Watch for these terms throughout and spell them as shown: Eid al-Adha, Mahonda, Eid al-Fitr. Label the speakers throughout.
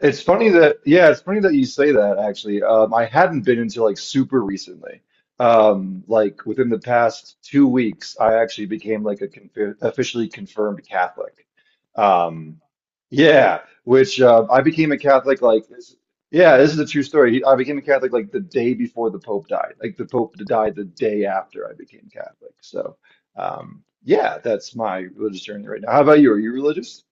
Speaker 1: It's funny that you say that actually. I hadn't been until like super recently. Like within the past 2 weeks, I actually became like a confi officially confirmed Catholic. Um, yeah, which I became a Catholic like this. Yeah, this is a true story. I became a Catholic like the day before the Pope died. Like the Pope died the day after I became Catholic. So, yeah, that's my religious journey right now. How about you? Are you religious?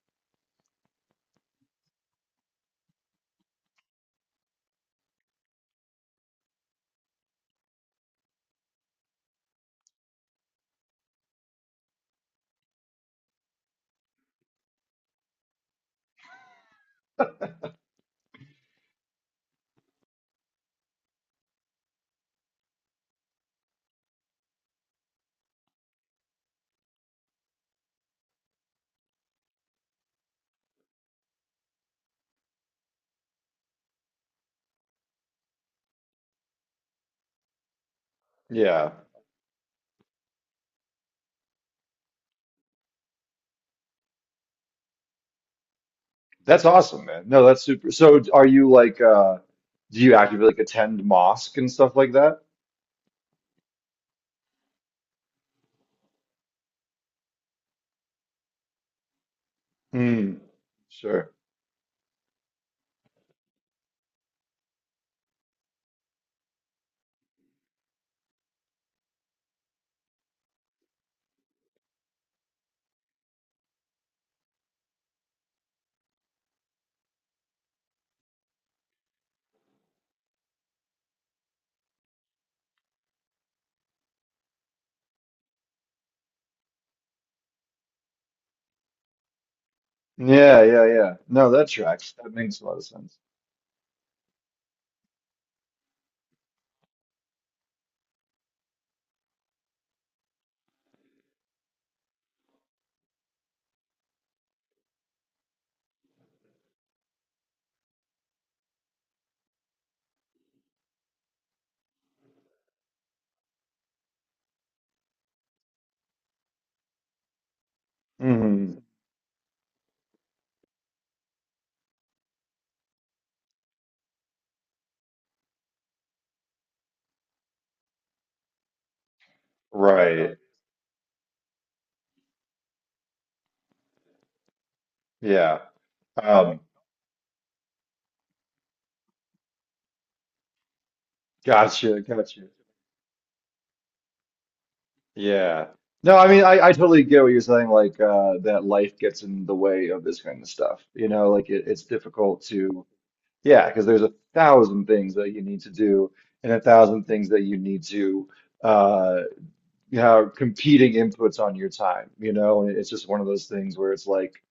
Speaker 1: Yeah. That's awesome, man. No, that's super. So are you like do you actively like attend mosque and stuff like that? Mm, sure. Yeah, yeah, yeah. No, that tracks. That makes a lot of sense. Mm, right. Yeah. Um, Gotcha, gotcha. Yeah. No, I mean I totally get what you're saying, like that life gets in the way of this kind of stuff. You know, like it's difficult to yeah, because there's a thousand things that you need to do and a thousand things that you need to uh yeah, competing inputs on your time, you know, and it's just one of those things where it's like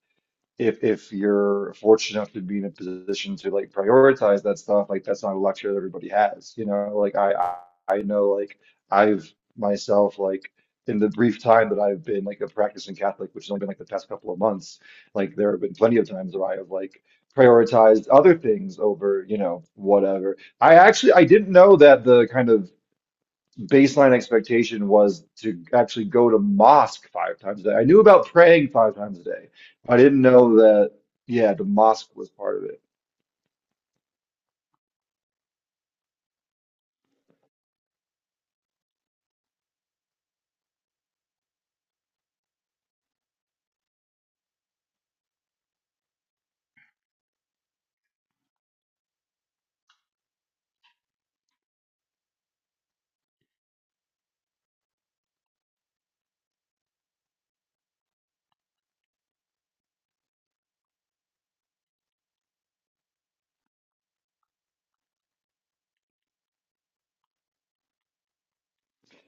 Speaker 1: if you're fortunate enough to be in a position to like prioritize that stuff, like that's not a luxury that everybody has, you know, like I know like I've myself like in the brief time that I've been like a practicing Catholic, which has only been like the past couple of months, like there have been plenty of times where I have like prioritized other things over, you know, whatever. I actually I didn't know that the kind of baseline expectation was to actually go to mosque 5 times a day. I knew about praying 5 times a day. I didn't know that, yeah, the mosque was part of it.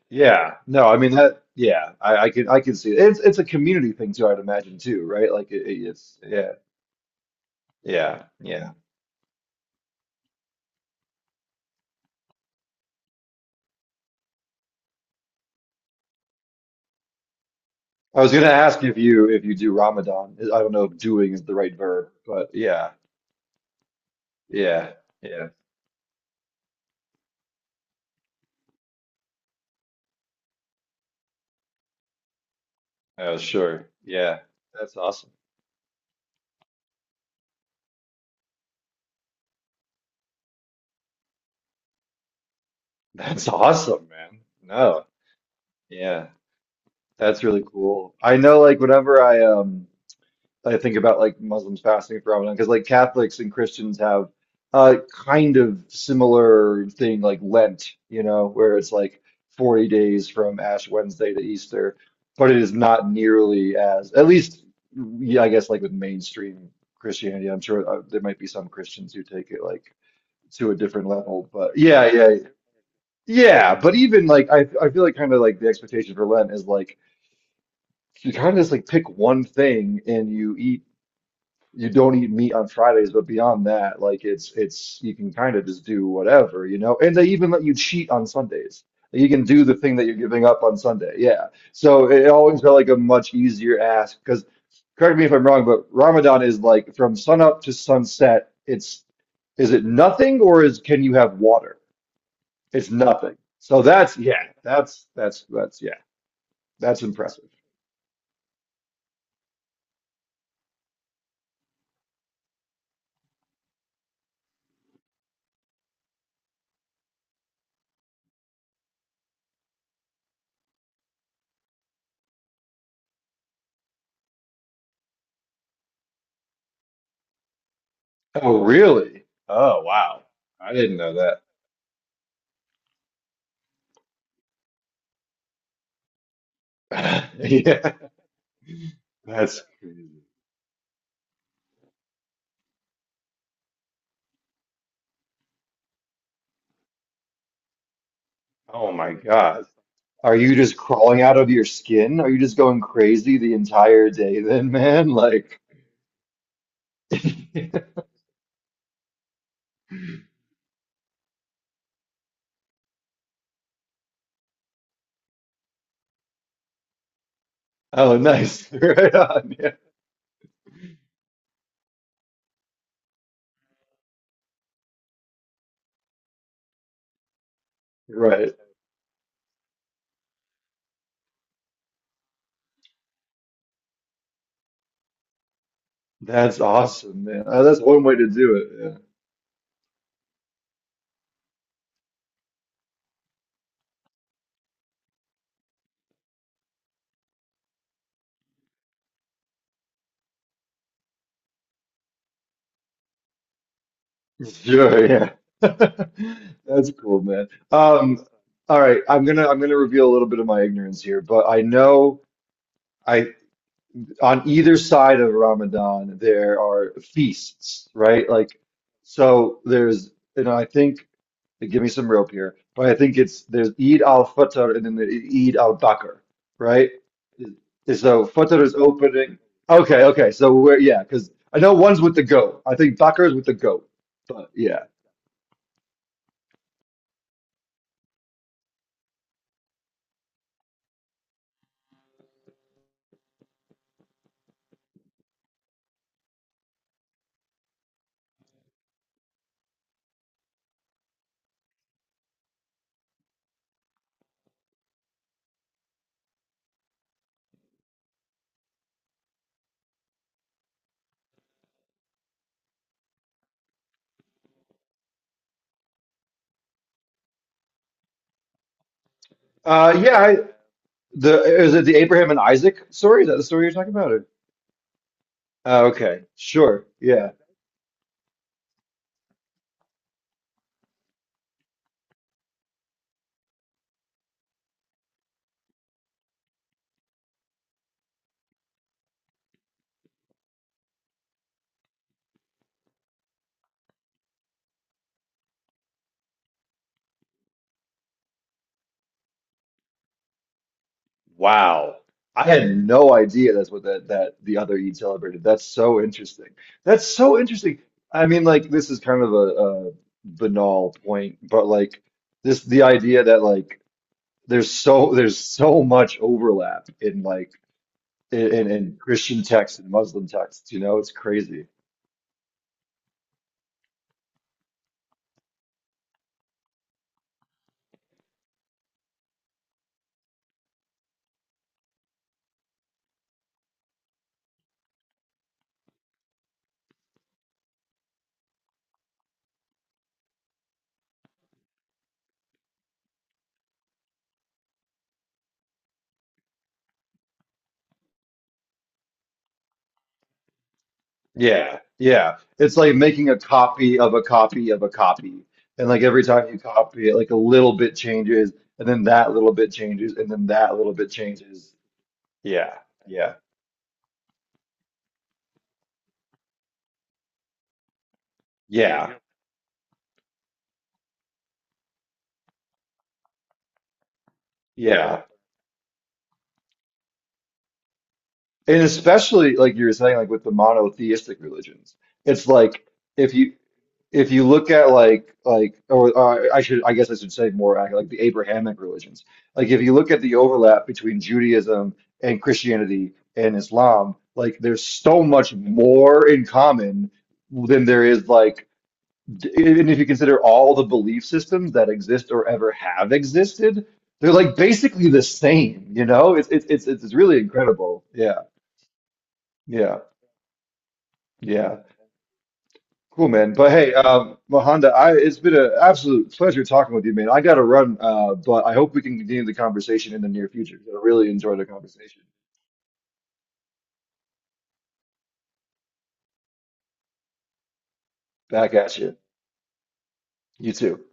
Speaker 1: Yeah. No, I mean that, yeah, I can see it. It's a community thing too, I'd imagine too, right? Like it, it's yeah, yeah, yeah. I was gonna ask if you do Ramadan. I don't know if doing is the right verb, but yeah, yeah, yeah. Oh, sure. Yeah. That's awesome. That's awesome, man. No. Yeah. That's really cool. I know like whenever I think about like Muslims fasting for Ramadan because like Catholics and Christians have a kind of similar thing like Lent, you know, where it's like 40 days from Ash Wednesday to Easter, but it is not nearly as, at least, yeah, I guess like with mainstream Christianity, I'm sure there might be some Christians who take it like to a different level, but yeah, yeah. Yeah, but even like I feel like kind of like the expectation for Lent is like you kind of just like pick one thing and you don't eat meat on Fridays, but beyond that, like it's you can kind of just do whatever, you know. And they even let you cheat on Sundays. You can do the thing that you're giving up on Sunday. Yeah. So it always felt like a much easier ask because correct me if I'm wrong, but Ramadan is like from sunup to sunset. It's Is it nothing, or is can you have water? It's nothing. So that's yeah, that's yeah, that's impressive. Oh, really? Oh, wow. I didn't know that. Yeah, that's crazy. Oh my God. Are you just crawling out of your skin? Are you just going crazy the entire day then, man? Like, oh, nice. Right on. Yeah. Right. That's awesome, man. That's one way to do it. Yeah. Sure. Yeah. That's cool, man. All right. I'm gonna reveal a little bit of my ignorance here, but I know. I. On either side of Ramadan, there are feasts, right? Like, so there's, you know, I think, give me some rope here, but I think it's there's Eid al-Fitr and then the Eid al-Bakr, right? And so Fitr is opening. Okay, okay. So we're, yeah, because I know one's with the goat. I think Bakr is with the goat, but yeah. Yeah, is it the Abraham and Isaac story? Is that the story you're talking about? Or? Okay, sure. Yeah. Wow. I had no idea that's what that the other Eid celebrated. That's so interesting. That's so interesting. I mean, like this is kind of a banal point, but like this the idea that like there's so much overlap in like in Christian texts and Muslim texts, you know, it's crazy. Yeah, yeah. It's like making a copy of a copy of a copy. And like every time you copy it, like a little bit changes, and then that little bit changes, and then that little bit changes. Yeah, yeah, yeah, yeah, yeah. And especially like you were saying, like with the monotheistic religions, it's like if you if you look at like or I guess I should say more like the Abrahamic religions. Like if you look at the overlap between Judaism and Christianity and Islam, like there's so much more in common than there is even if you consider all the belief systems that exist or ever have existed, they're like basically the same, you know? It's really incredible. Yeah. Yeah. Yeah, cool, man. But hey, Mahonda, I it's been an absolute pleasure talking with you, man. I gotta run, but I hope we can continue the conversation in the near future. I really enjoyed the conversation. Back at you. You too.